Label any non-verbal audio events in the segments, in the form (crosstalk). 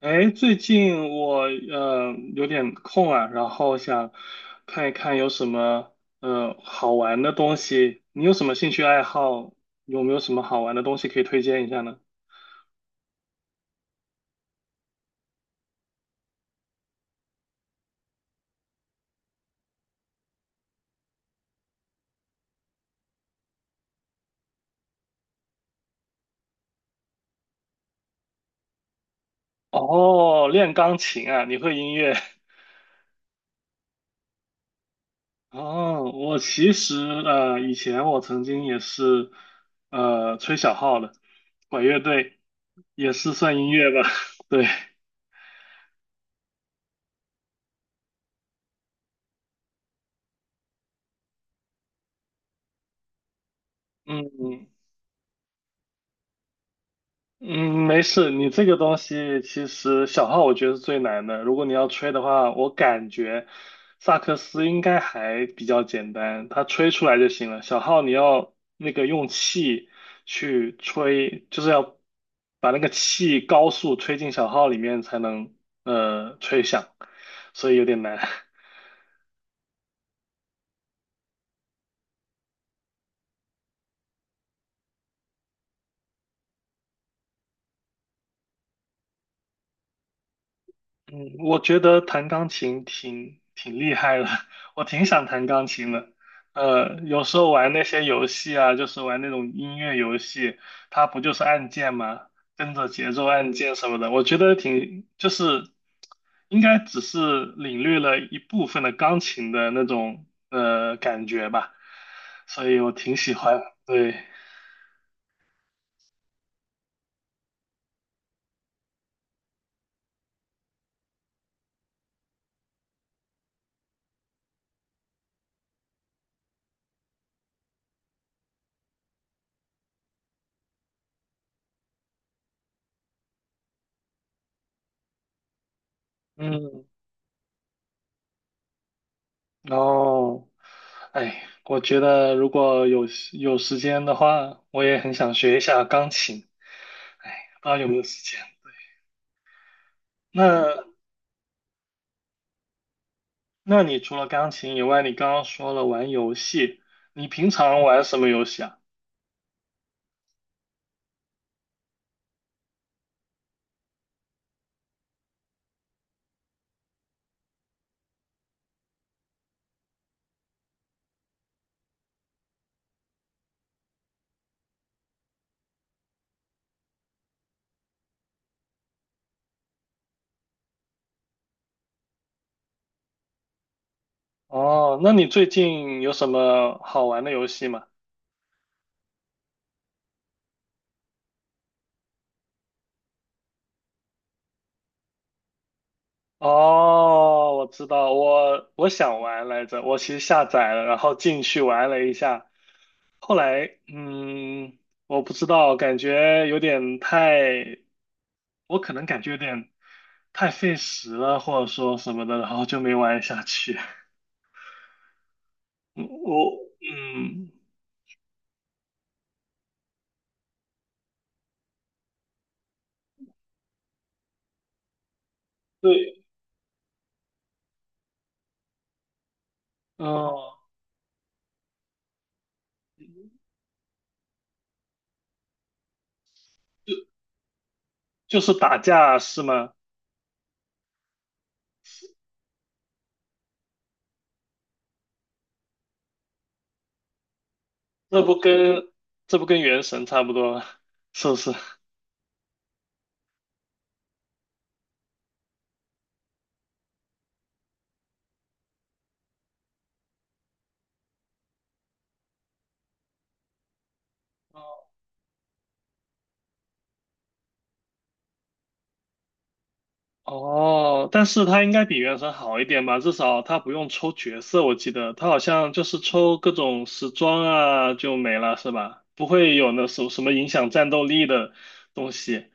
哎，最近我有点空啊，然后想看一看有什么好玩的东西。你有什么兴趣爱好？有没有什么好玩的东西可以推荐一下呢？哦，练钢琴啊，你会音乐？(laughs) 哦，我其实以前我曾经也是吹小号的，管乐队也是算音乐吧？(laughs) 对。嗯。嗯，没事，你这个东西其实小号我觉得是最难的。如果你要吹的话，我感觉萨克斯应该还比较简单，它吹出来就行了。小号你要那个用气去吹，就是要把那个气高速吹进小号里面才能吹响，所以有点难。(laughs) 嗯，我觉得弹钢琴挺厉害的，(laughs) 我挺想弹钢琴的。呃，有时候玩那些游戏啊，就是玩那种音乐游戏，它不就是按键吗？跟着节奏按键什么的，我觉得挺就是应该只是领略了一部分的钢琴的那种感觉吧，所以我挺喜欢。对。嗯。然后，哎，我觉得如果有时间的话，我也很想学一下钢琴。哎，不知道有没有时间？那那你除了钢琴以外，你刚刚说了玩游戏，你平常玩什么游戏啊？哦，那你最近有什么好玩的游戏吗？哦，我知道，我想玩来着，我其实下载了，然后进去玩了一下。后来，嗯，我不知道，感觉有点太，我可能感觉有点太费时了，或者说什么的，然后就没玩下去。嗯我，嗯，对。哦，就是打架是吗？这不跟这不跟原神差不多，是不是？哦，但是它应该比原神好一点吧，至少它不用抽角色，我记得它好像就是抽各种时装啊就没了，是吧？不会有那什么影响战斗力的东西。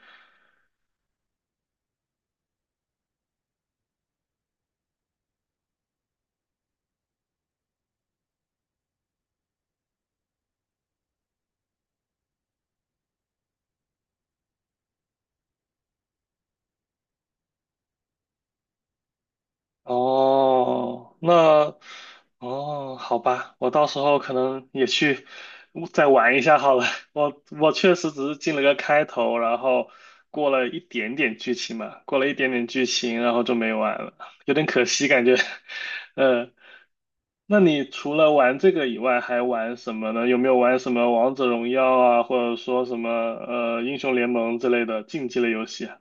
哦，那哦，好吧，我到时候可能也去再玩一下好了。(laughs) 我确实只是进了个开头，然后过了一点点剧情嘛，过了一点点剧情，然后就没玩了，有点可惜感觉。(laughs) 嗯。那你除了玩这个以外，还玩什么呢？有没有玩什么王者荣耀啊，或者说什么英雄联盟之类的竞技类游戏啊？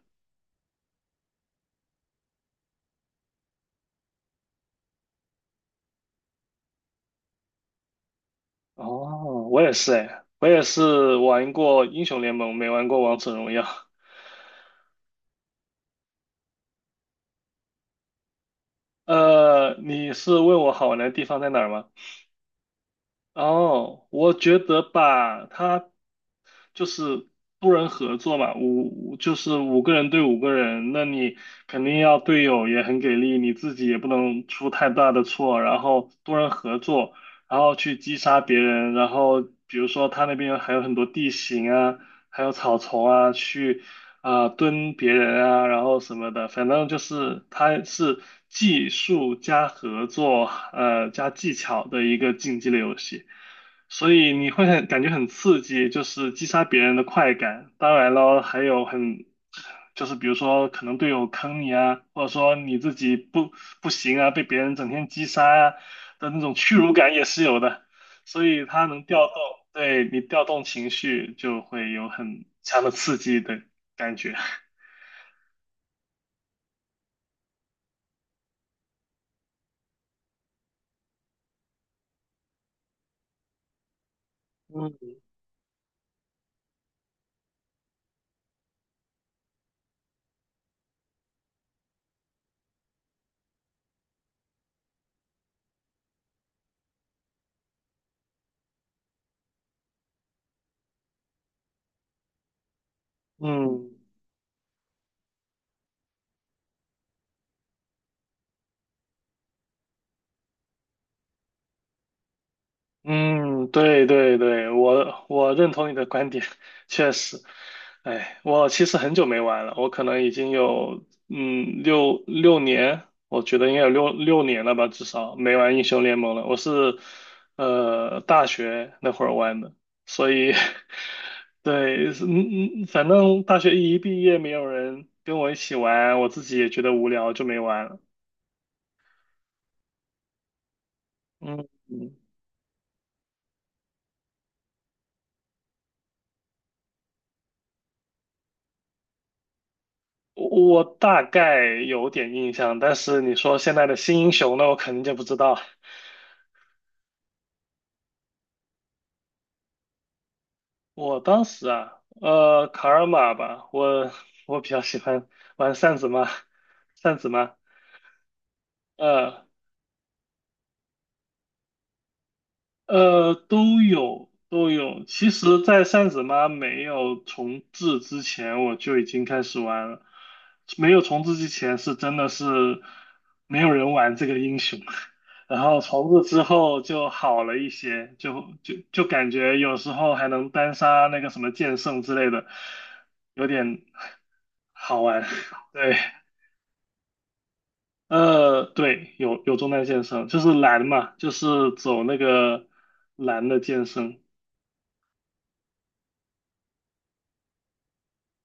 哦，我也是哎，我也是玩过英雄联盟，没玩过王者荣耀。呃，你是问我好玩的地方在哪儿吗？哦，我觉得吧，他就是多人合作嘛，就是五个人对五个人，那你肯定要队友也很给力，你自己也不能出太大的错，然后多人合作，然后去击杀别人，然后比如说他那边还有很多地形啊，还有草丛啊，去啊、蹲别人啊，然后什么的，反正就是它是技术加合作，呃，加技巧的一个竞技类游戏，所以你会很感觉很刺激，就是击杀别人的快感。当然了，还有很就是比如说可能队友坑你啊，或者说你自己不行啊，被别人整天击杀啊的那种屈辱感也是有的，所以它能调动，对你调动情绪就会有很强的刺激，对。感觉。(laughs) 嗯嗯嗯，对对对，我认同你的观点，(laughs) 确实。哎，我其实很久没玩了，我可能已经有嗯六年，我觉得应该有六年了吧，至少没玩英雄联盟了。我是呃大学那会儿玩的，所以 (laughs) 对，是嗯嗯，反正大学一毕业没有人跟我一起玩，我自己也觉得无聊，就没玩了。嗯。嗯我大概有点印象，但是你说现在的新英雄，那我肯定就不知道。我当时啊，呃，卡尔玛吧，我比较喜欢玩扇子妈，扇子妈，呃。呃，都有都有。其实，在扇子妈没有重置之前，我就已经开始玩了。没有重置之前，是真的是没有人玩这个英雄。(laughs) 然后重置之后就好了一些，就感觉有时候还能单杀那个什么剑圣之类的，有点好玩。(laughs) 对，呃，对，有中单剑圣，就是蓝嘛，就是走那个蓝的剑圣。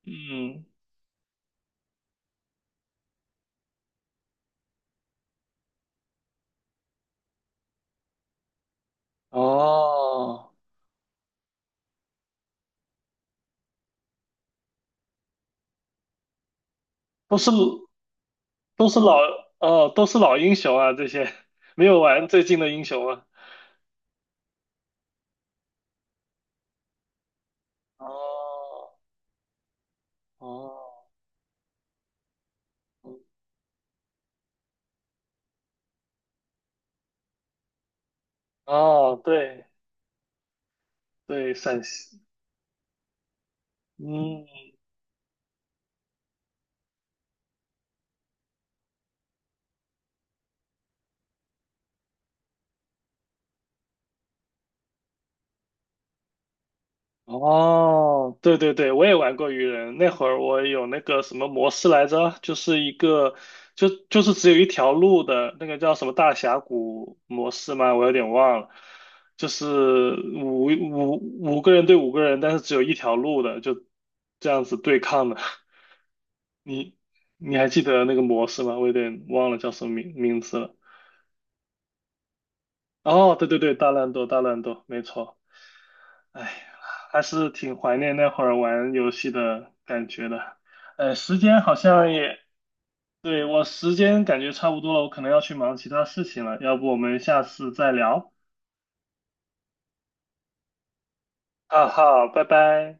嗯，哦，都是都是老哦，都是老英雄啊，这些 (laughs) 没有玩最近的英雄啊。哦哦哦，对对，陕西，嗯，哦，对对对，我也玩过鱼人。那会儿我有那个什么模式来着，就是一个就是只有一条路的那个叫什么大峡谷模式吗？我有点忘了，就是五五五个人对五个人，但是只有一条路的，就这样子对抗的。(laughs) 你你还记得那个模式吗？我有点忘了叫什么名字了。哦，对对对，大乱斗，大乱斗，没错。哎，还是挺怀念那会儿玩游戏的感觉的。呃，时间好像也，对，我时间感觉差不多了，我可能要去忙其他事情了，要不我们下次再聊？哈哈，拜拜。